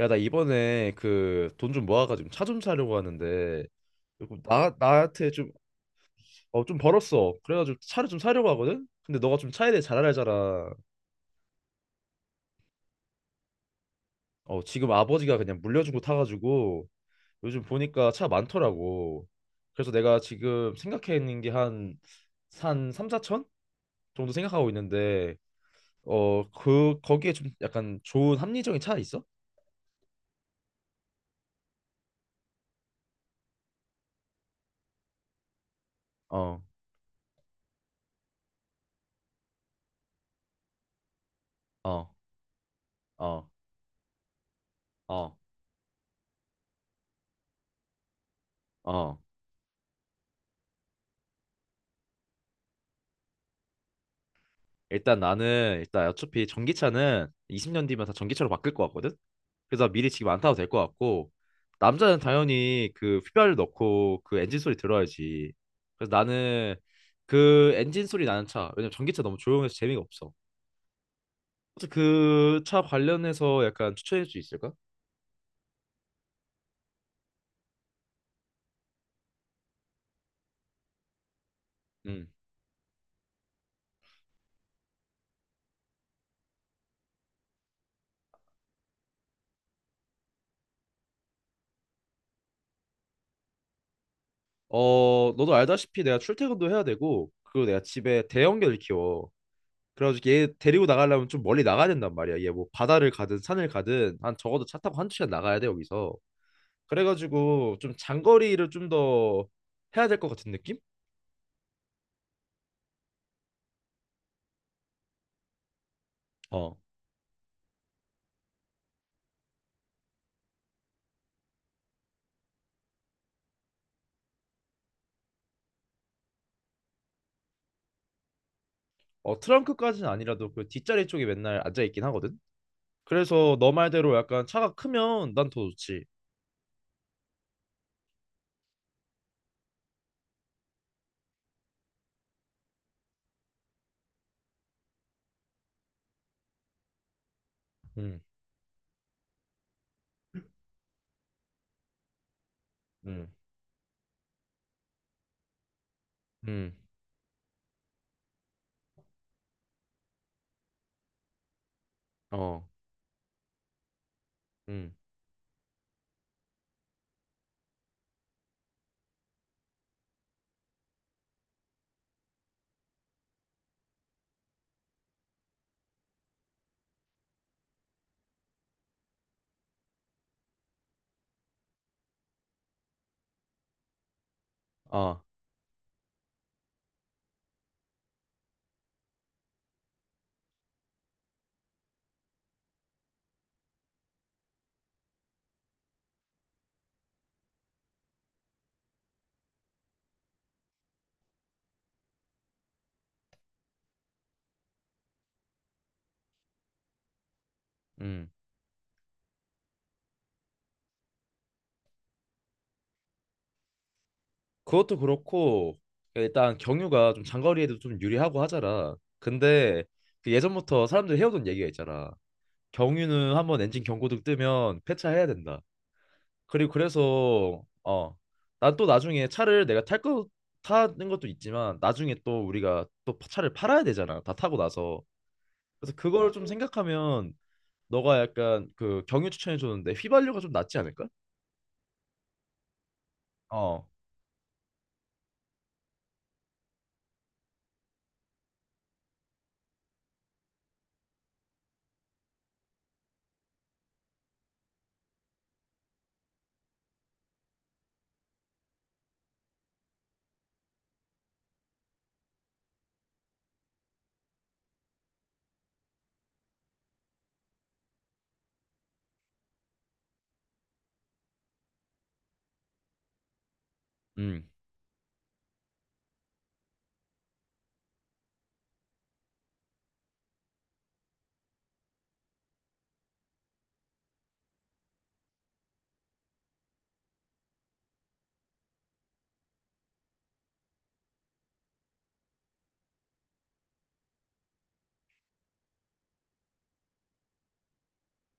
야, 나 이번에 그 돈 좀 모아가지고 차 좀 사려고 하는데 그리고 나 나한테 좀 어 좀 벌었어. 그래가지고 차를 좀 사려고 하거든. 근데 너가 좀 차에 대해 잘 알잖아. 어 지금 아버지가 그냥 물려준 거 타가지고 요즘 보니까 차 많더라고. 그래서 내가 지금 생각해 있는 게 한 3, 4천 정도 생각하고 있는데 어 그 거기에 좀 약간 좋은 합리적인 차 있어? 어, 어, 어, 어, 어. 일단 나는 일단 어차피 전기차는 20년 뒤면 다 전기차로 바뀔 것 같거든. 그래서 미리 지금 안 타도 될 것 같고 남자는 당연히 그 휘발유 넣고 그 엔진 소리 들어야지. 그래서 나는 그 엔진 소리 나는 차. 왜냐면 전기차 너무 조용해서 재미가 없어. 그 차 관련해서 약간 추천해 줄 수 있을까? 음. 어, 너도 알다시피 내가 출퇴근도 해야 되고 그리고 내가 집에 대형견을 키워. 그래가지고 얘 데리고 나가려면 좀 멀리 나가야 된단 말이야. 얘 뭐 바다를 가든 산을 가든 한 적어도 차 타고 한두 시간 나가야 돼 여기서. 그래가지고 좀 장거리를 좀 더 해야 될 것 같은 느낌? 어. 어 트렁크까지는 아니라도 그 뒷자리 쪽에 맨날 앉아 있긴 하거든. 그래서 너 말대로 약간 차가 크면 난 더 좋지. 음, 음, 음, 어, 음, 아, 음. 그것도 그렇고 일단 경유가 좀 장거리에도 좀 유리하고 하잖아. 근데 그 예전부터 사람들이 해오던 얘기가 있잖아. 경유는 한번 엔진 경고등 뜨면 폐차해야 된다. 그리고 그래서 어, 난 또 나중에 차를 내가 탈 거 타는 것도 있지만 나중에 또 우리가 또 차를 팔아야 되잖아. 다 타고 나서. 그래서 그걸 좀 생각하면 너가 약간 그 경유 추천해 줬는데 휘발유가 좀 낫지 않을까? 어. 음.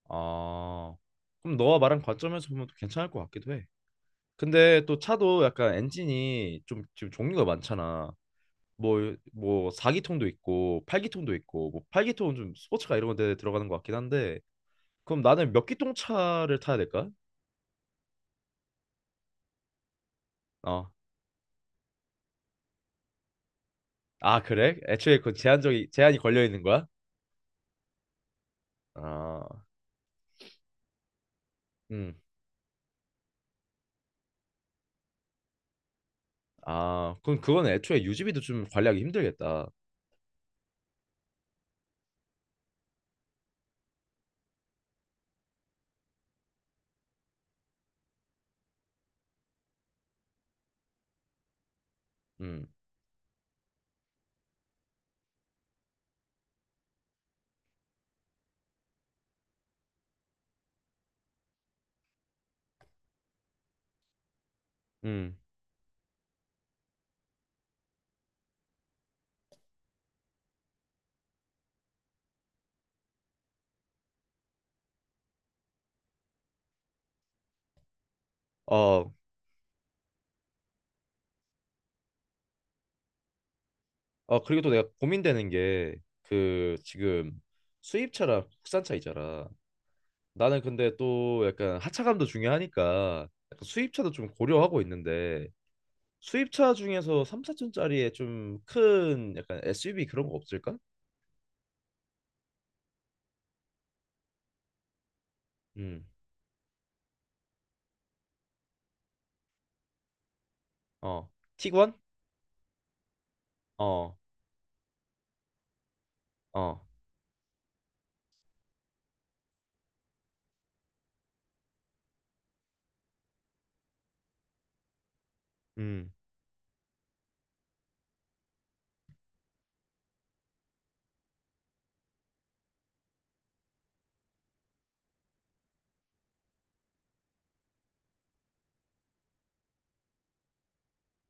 아. 그럼 너와 말한 관점에서 보면 또 괜찮을 것 같기도 해. 근데 또 차도 약간 엔진이 좀 지금 종류가 많잖아. 뭐 뭐 4기통도 있고 8기통도 있고 뭐 8기통은 좀 스포츠카 이런 데 들어가는 것 같긴 한데 그럼 나는 몇 기통 차를 타야 될까? 어. 아, 그래? 애초에 그 제한적이 제한이 걸려 있는 거야? 아. 음. 아, 그럼 그건 애초에 유지비도 좀 관리하기 힘들겠다. 음. 음. 어. 어, 그리고 또 내가 고민되는 게 그 지금 수입차랑 국산차 있잖아. 나는 근데 또 약간 하차감도 중요하니까 약간 수입차도 좀 고려하고 있는데 수입차 중에서 3, 4천짜리에 좀 큰 약간 SUV 그런 거 없을까? 음. 어. 티구안? 어. 어. 음.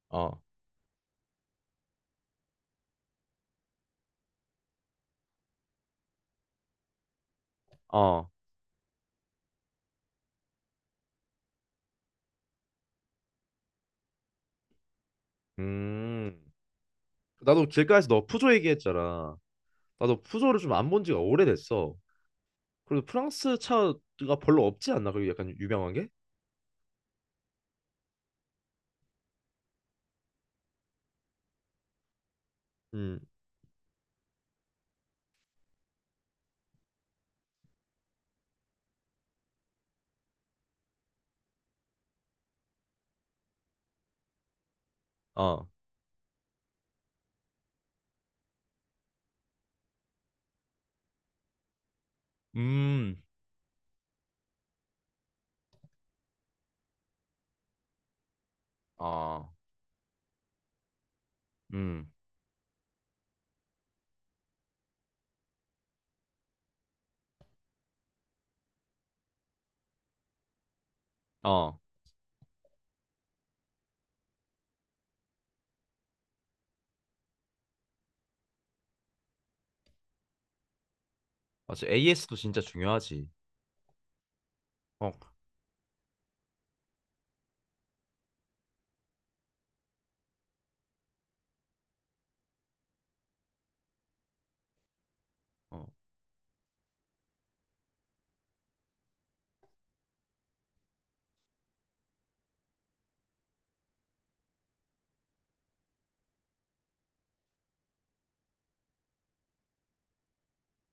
어. 어. 음. 나도 길가에서 너 푸조 얘기했잖아. 나도 푸조를 좀 안 본 지가 오래됐어. 그리고 프랑스 차가 별로 없지 않나? 그리고 약간 유명한 게? 음. 어. 음, 아, 음, 어, 맞아. AS도 진짜 중요하지. 어. 어.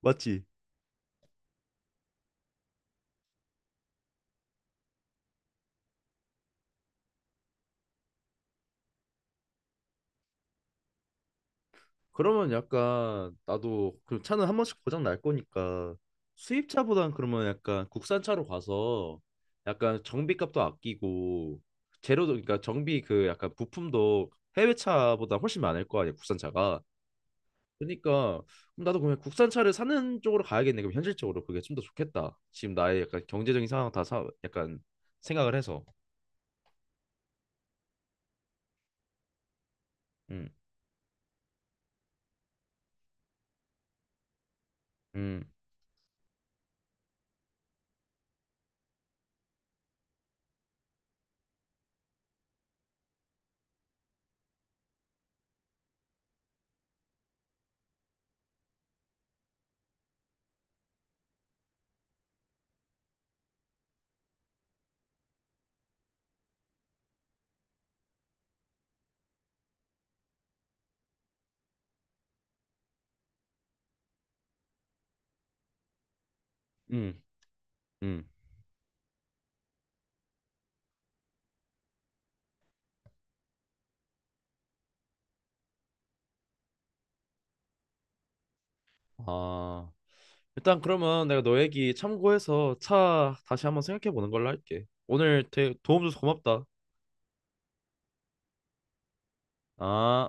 맞지? 그러면 약간 나도 그 차는 한 번씩 고장 날 거니까 수입차보단 그러면 약간 국산차로 가서 약간 정비값도 아끼고 재료도 그러니까 정비 그 약간 부품도 해외차보다 훨씬 많을 거 아니야 국산차가. 그러니까 그럼 나도 그냥 국산차를 사는 쪽으로 가야겠네. 그럼 현실적으로 그게 좀 더 좋겠다. 지금 나의 약간 경제적인 상황 다 약간 생각을 해서. 음, 음, 음, 음. 아. 일단 그러면 내가 너 얘기 참고해서 차 다시 한번 생각해 보는 걸로 할게. 오늘 되 도움 줘서 고맙다. 아.